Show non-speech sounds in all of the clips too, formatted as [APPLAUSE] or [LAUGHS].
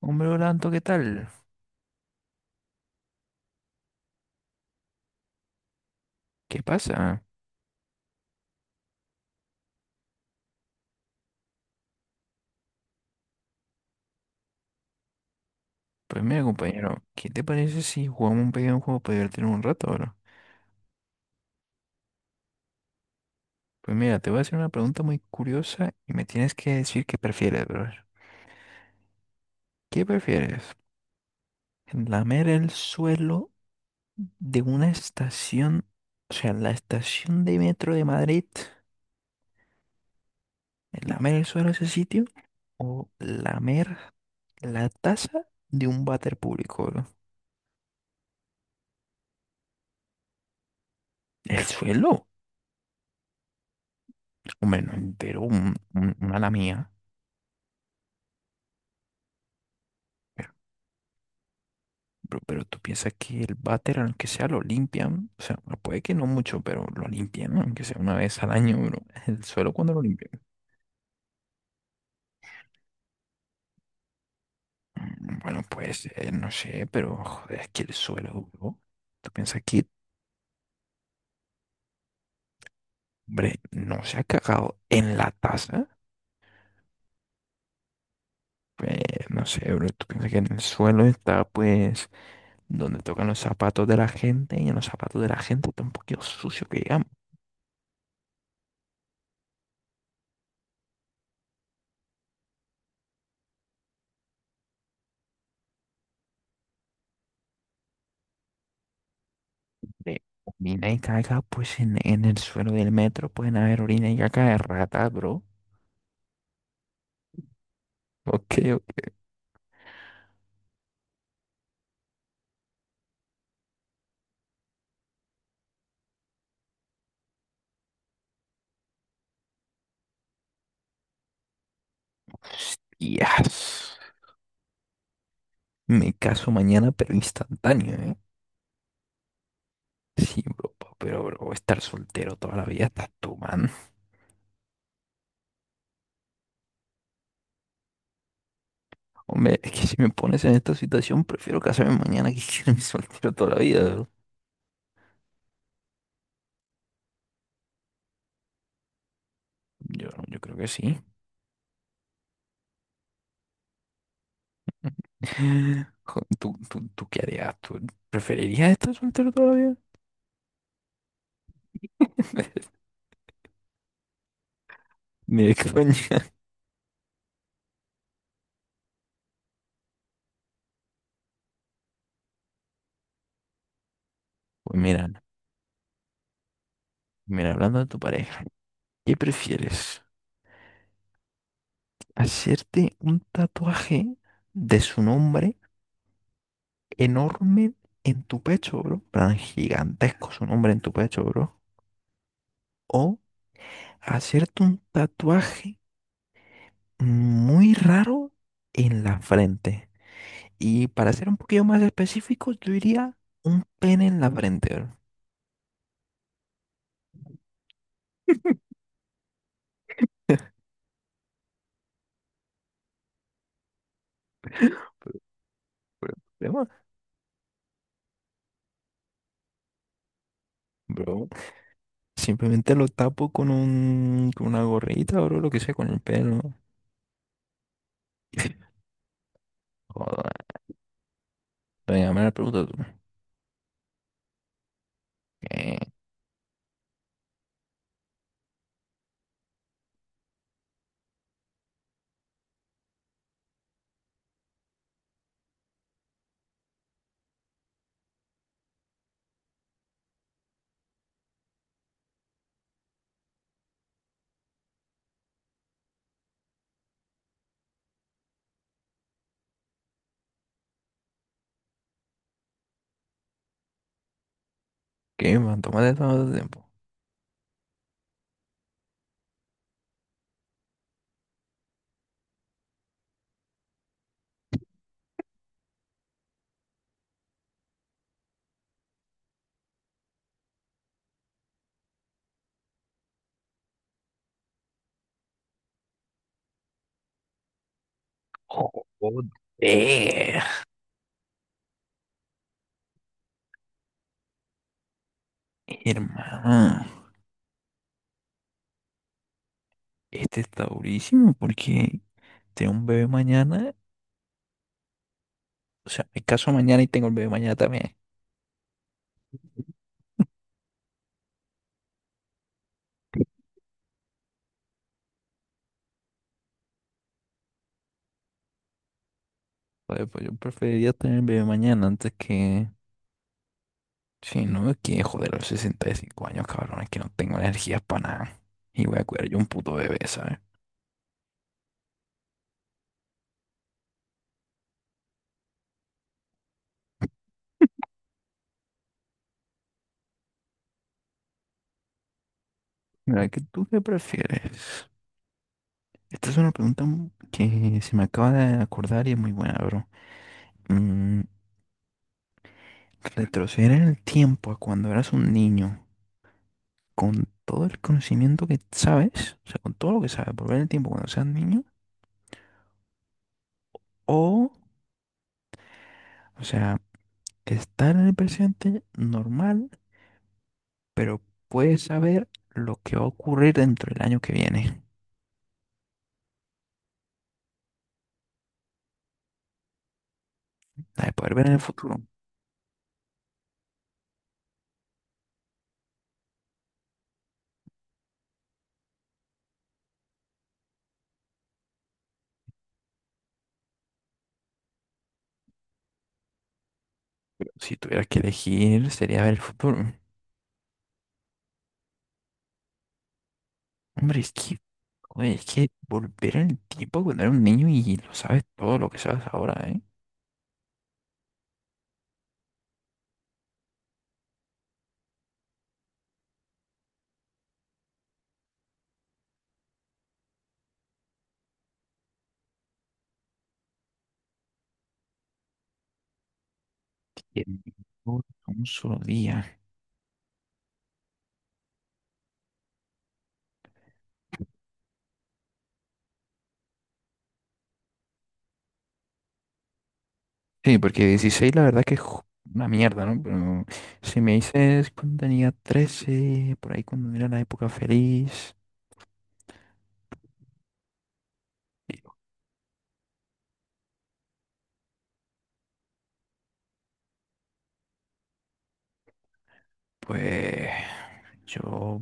Hombre, Orlando, ¿qué tal? ¿Qué pasa? Pues mira, compañero, ¿qué te parece si jugamos un pequeño juego para divertirnos un rato, bro? Pues mira, te voy a hacer una pregunta muy curiosa y me tienes que decir qué prefieres, bro. ¿Qué prefieres? ¿Lamer el suelo de una estación, o sea, la estación de metro de Madrid? ¿Lamer el suelo de ese sitio? ¿O lamer la taza de un váter público, bro? ¿El suelo? Hombre, no, entero, una la mía. Pero tú piensas que el váter, aunque sea, lo limpian. O sea, bueno, puede que no mucho, pero lo limpian, ¿no? Aunque sea una vez al año, bro. [LAUGHS] El suelo cuando lo limpian. Bueno, pues no sé, pero joder, es que el suelo, bro. ¿Tú piensas que, Hombre, ¿no se ha cagado en la taza? Pues no sé, bro. ¿Tú piensas que en el suelo está, pues, donde tocan los zapatos de la gente? Y en los zapatos de la gente está un poquito sucio que digamos. De orina y caca, pues en el suelo del metro pueden haber orina y caca de ratas, bro. Ok, ok. Hostias. Me caso mañana, pero instantáneo, ¿eh? Sí, bro, pero bro, voy a estar soltero toda la vida, estás tú, man. Hombre, es que si me pones en esta situación, prefiero casarme mañana que [LAUGHS] quedarme soltero toda la vida, bro. Yo creo que sí. [LAUGHS] Jo, ¿tú qué harías? ¿Tú preferirías estar soltero toda la vida? [LAUGHS] Mira, coño. Pues mira, hablando de tu pareja, ¿qué prefieres? ¿Hacerte un tatuaje de su nombre enorme en tu pecho, bro? En plan, gigantesco su nombre en tu pecho, bro. O hacerte un tatuaje muy raro en la frente. Y para ser un poquito más específico, yo diría un pene en la frente, bro. [LAUGHS] Pero- pero problema, bro, simplemente lo tapo con un, con una gorrita, bro, lo que sea, con el pelo. [LAUGHS] Joder, venga, me la pregunta tú. ¿Qué? ¿Qué, man? Tómate todo tu tiempo. Joder. Hermano, este está durísimo porque tengo un bebé mañana. O sea, me caso mañana y tengo el bebé mañana también. Joder, pues yo preferiría tener el bebé mañana antes que... Sí, no, es que joder, a los 65 años, cabrón, es que no tengo energías para nada. Y voy a cuidar yo un puto bebé, ¿sabes? Mira, ¿qué tú qué prefieres? Esta es una pregunta que se me acaba de acordar y es muy buena, bro. Mm, retroceder en el tiempo a cuando eras un niño con todo el conocimiento que sabes, o sea, con todo lo que sabes, volver en el tiempo cuando seas niño, o, o sea, estar en el presente normal, pero puedes saber lo que va a ocurrir dentro del año que viene, la de poder ver en el futuro. Si tuvieras que elegir, sería ver el futuro. Hombre, es que, joder, es que volver en el tiempo cuando eres un niño y lo sabes todo lo que sabes ahora, ¿eh? Y en un solo día. Sí, porque 16 la verdad que es una mierda, ¿no? Pero si me dices cuando tenía 13 por ahí cuando era la época feliz, y pues yo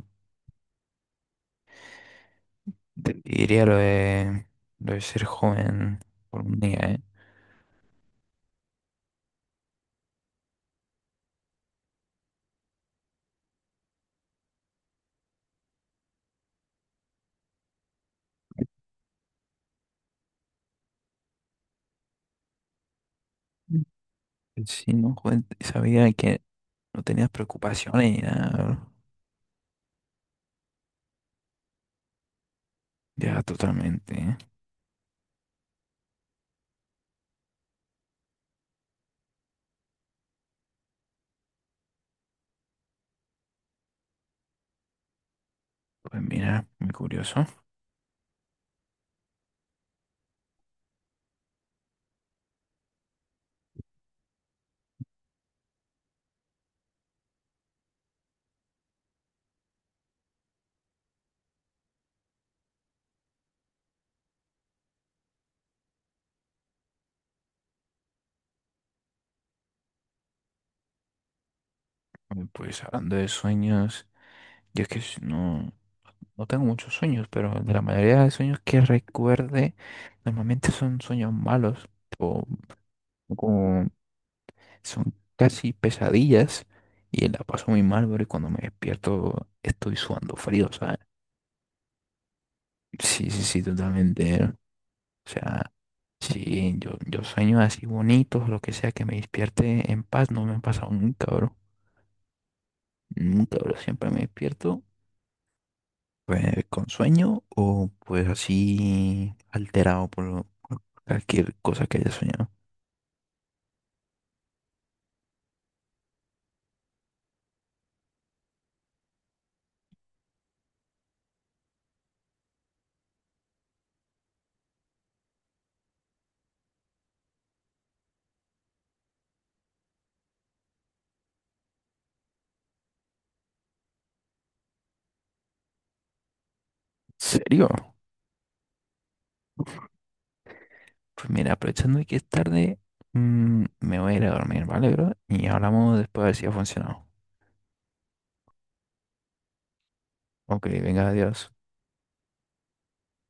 te diría lo de ser joven por un día, ¿eh? Mm. Sí, ¿no? Joven, sabía que no tenías preocupaciones ni nada. Ya, totalmente, ¿eh? Pues mira, muy curioso. Pues hablando de sueños, yo es que si no... No tengo muchos sueños, pero de la mayoría de sueños que recuerde, normalmente son sueños malos o como son casi pesadillas y la paso muy mal, pero cuando me despierto estoy sudando frío, ¿sabes? Sí, sí, sí, totalmente, ¿eh? O sea, sí, yo sueños así bonitos, lo que sea, que me despierte en paz, no me ha pasado nunca, bro. Nunca, bro, siempre me despierto. Pues con sueño o pues así alterado por por cualquier cosa que haya soñado. ¿Serio? Pues mira, aprovechando que es tarde, mm, me voy a ir a dormir, ¿vale, bro? Y hablamos después a ver si ha funcionado. Ok, venga, adiós.